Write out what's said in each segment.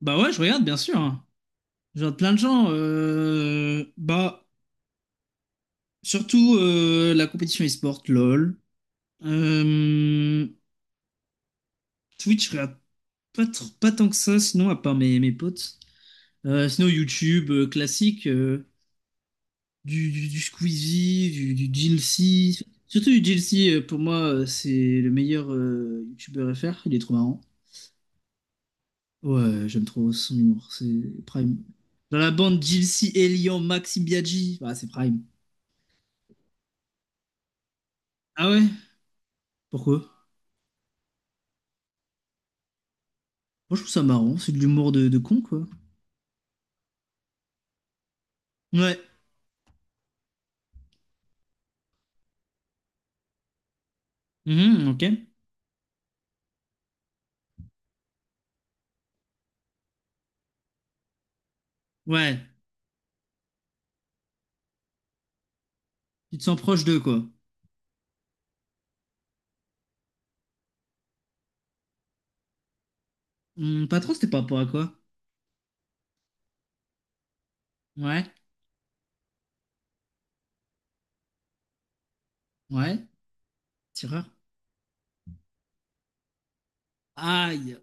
Bah ouais, je regarde, bien sûr. Je regarde plein de gens. Bah, surtout la compétition e-sport, LOL. Euh, Twitch, je regarde pas, pas tant que ça, sinon, à part mes potes. Sinon, YouTube classique, du Squeezie, du GLC. Surtout du GLC, pour moi, c'est le meilleur YouTuber FR. Il est trop marrant. Ouais, j'aime trop son humour, c'est prime. Dans la bande, GLC, Elian, Maxi Biaggi. Bah, c'est prime. Ah ouais? Pourquoi? Moi, je trouve ça marrant, c'est de l'humour de con, quoi. Ouais. Mhm, ok. Ouais. Tu te sens proche d'eux, quoi. Hmm, pas trop, c'était par rapport à quoi? Ouais. Ouais. Tireur. Aïe.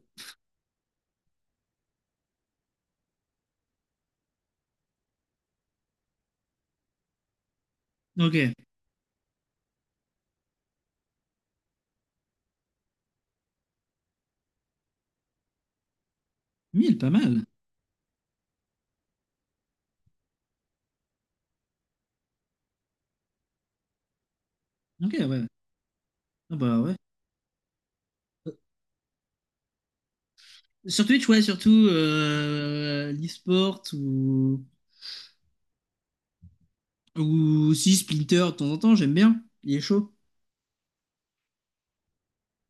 Ok. Mille, pas mal. Ok, ouais. Ah bah ouais. Euh, Sur Twitch, ouais, surtout l'e-sport ou si Splinter de temps en temps, j'aime bien. Il est chaud.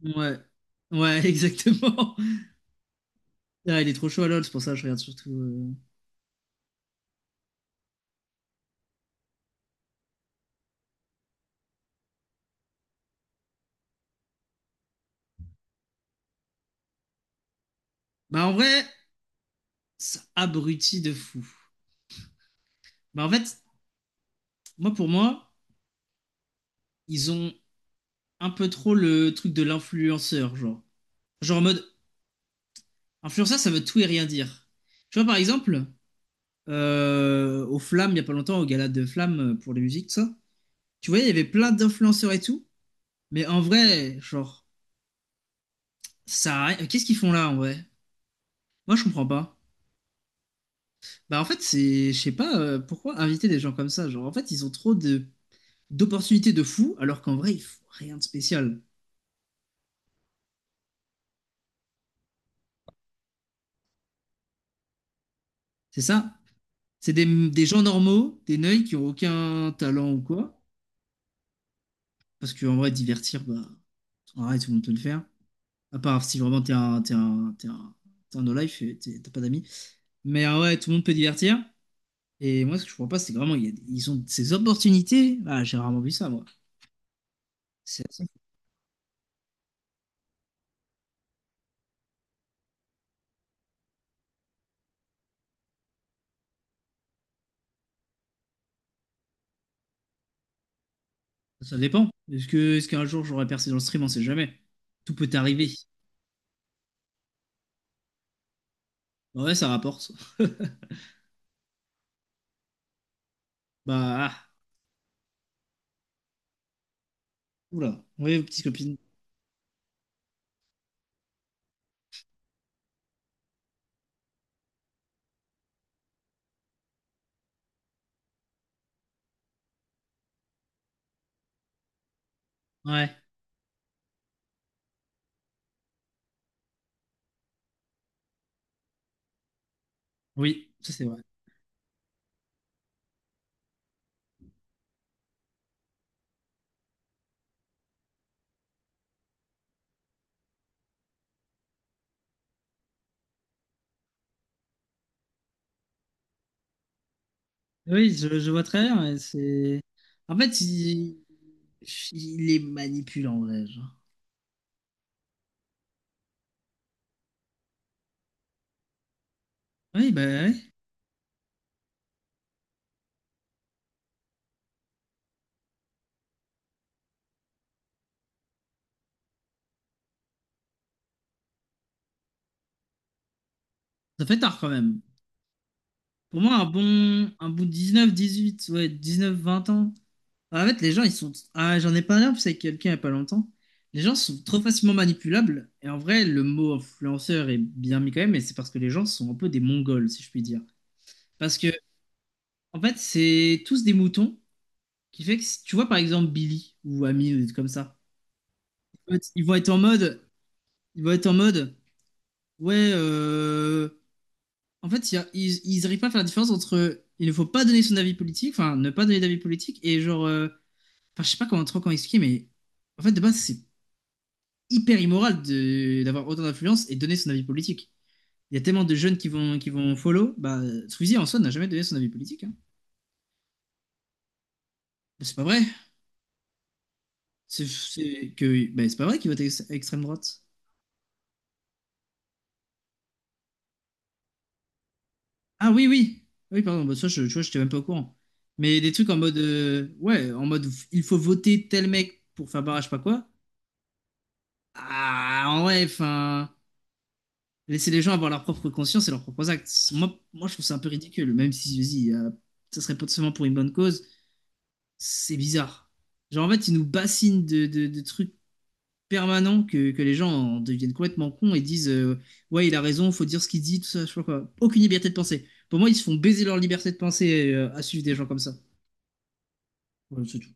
Ouais. Ouais, exactement. Ah, il est trop chaud à LoL, c'est pour ça que je regarde surtout. Bah en vrai, ça abrutit de fou. Bah en fait, moi, pour moi, ils ont un peu trop le truc de l'influenceur, genre. Genre en mode, influenceur, ça veut tout et rien dire. Tu vois, par exemple, aux Flammes, il y a pas longtemps, au gala de Flammes pour les musiques, tout ça. Tu vois, il y avait plein d'influenceurs et tout. Mais en vrai, genre, ça a rien- qu'est-ce qu'ils font là, en vrai? Moi, je comprends pas. Bah, en fait, c'est. je sais pas pourquoi inviter des gens comme ça. Genre, en fait, ils ont trop de d'opportunités de fou, alors qu'en vrai, ils font rien de spécial. C'est ça? C'est des gens normaux, des neuils qui ont aucun talent ou quoi. Parce qu'en vrai, divertir, bah, en tout le monde peut le faire. À part si vraiment t'es un no-life et t'as pas d'amis. Mais ouais, tout le monde peut divertir. Et moi, ce que je comprends pas, c'est que vraiment, ils ont ces opportunités. Ah, j'ai rarement vu ça, moi. Assez fou. Ça dépend. Est-ce qu'un jour j'aurai percé dans le stream? On sait jamais. Tout peut arriver. Ouais, ça rapporte. Bah, ah. Oula. Oui, petites copines. Ouais, oui, ça c'est vrai. Oui, je vois très bien. Ouais, c'est... En fait, il est manipulant, en vrai. Genre. Oui, bah ouais. Ça fait tard quand même. Pour moi, un bon dix-neuf, dix-huit, ouais, 19, 20 ans. En fait, les gens, ils sont. Ah, j'en ai parlé en plus avec quelqu'un il n'y a pas longtemps. Les gens sont trop facilement manipulables. Et en vrai, le mot influenceur est bien mis quand même, mais c'est parce que les gens sont un peu des Mongols, si je puis dire. Parce que, en fait, c'est tous des moutons qui fait que, tu vois, par exemple, Billy ou Ami, ou des trucs comme ça. En fait, ils vont être en mode, ouais, en fait, il y a- ils arrivent pas à faire la différence entre il ne faut pas donner son avis politique, enfin, ne pas donner d'avis politique, et genre, enfin, je sais pas comment trop comment expliquer, mais en fait, de base, c'est hyper immoral d'avoir autant d'influence et donner son avis politique. Il y a tellement de jeunes qui vont follow, bah, Squeezie en soi n'a jamais donné son avis politique, hein. Bah, c'est pas vrai. Bah, c'est pas vrai qu'il vote extrême droite. Ah oui, oui. Oui, pardon, bah ça, je, tu vois, j'étais même pas au courant. Mais des trucs en mode, ouais, en mode, il faut voter tel mec pour faire barrage, pas quoi. Ah, en vrai, enfin, laisser les gens avoir leur propre conscience et leurs propres actes. Moi, moi, je trouve ça un peu ridicule, même si, vas-y, ça serait potentiellement pour une bonne cause. C'est bizarre. Genre, en fait, ils nous bassinent de trucs permanents que les gens en deviennent complètement cons et disent, ouais, il a raison, faut dire ce qu'il dit, tout ça, je sais pas quoi. Aucune liberté de pensée. Pour moi, ils se font baiser leur liberté de pensée, à suivre des gens comme ça. Ouais, c'est tout.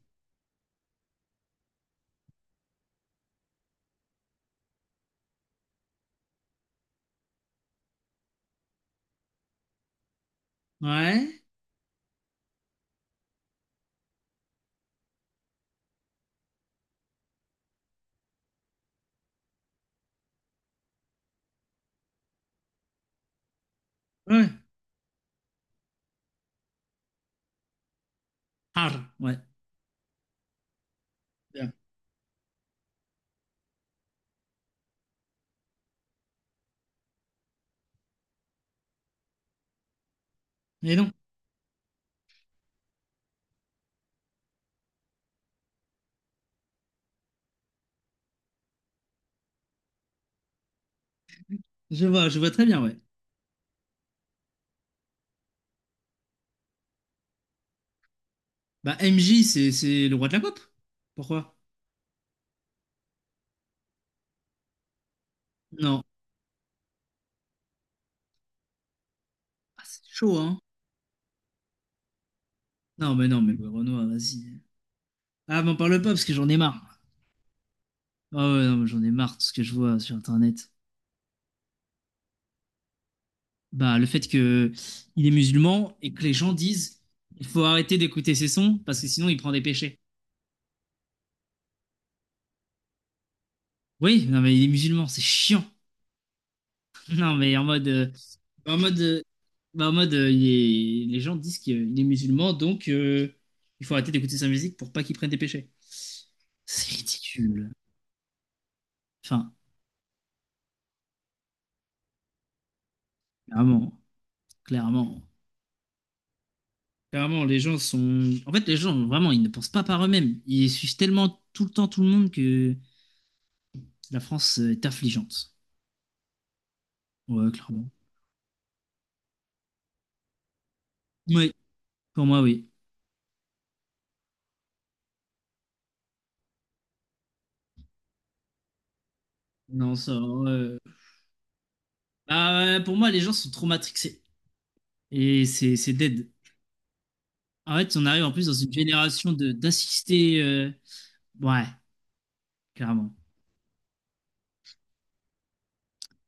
Ouais, ouais, ah, ouais, bien. Et non, je vois très bien, ouais. Bah, MJ, c'est le roi de la pop. Pourquoi? Non. Ah, c'est chaud, hein. Non, mais non, mais ouais, Renoir, vas-y. Ah, m'en parle pas parce que j'en ai marre. Ah ouais, non, mais j'en ai marre de ce que je vois sur Internet. Bah, le fait que il est musulman et que les gens disent il faut arrêter d'écouter ses sons parce que sinon il prend des péchés. Oui, non, mais il est musulman, c'est chiant. Non, mais en mode. En mode. Bah, en mode les gens disent qu'il est musulman, donc il faut arrêter d'écouter sa musique pour pas qu'il prenne des péchés. C'est ridicule. Enfin, clairement. Clairement. Clairement, les gens sont. En fait, les gens, vraiment, ils ne pensent pas par eux-mêmes. Ils suivent tellement tout le temps tout le monde que la France est affligeante. Ouais, clairement. Oui, pour moi, oui. Non, ça. Bah, ouais, pour moi, les gens sont trop matrixés. Et c'est dead. En fait, on arrive en plus dans une génération de d'assister. Ouais, clairement,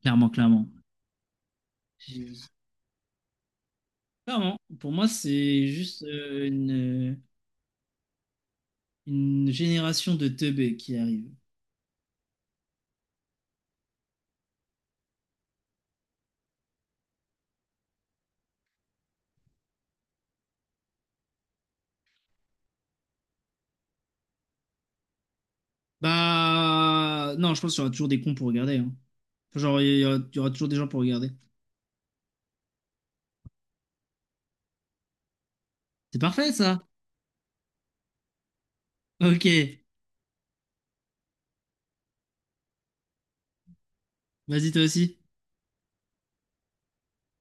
clairement, clairement. J'ai- Clairement, pour moi, c'est juste une génération de teubés qui arrive. Bah, non, je pense qu'il y aura toujours des cons pour regarder. Hein. Genre, il y aura toujours des gens pour regarder. C'est parfait, ça. Ok, vas-y, toi aussi.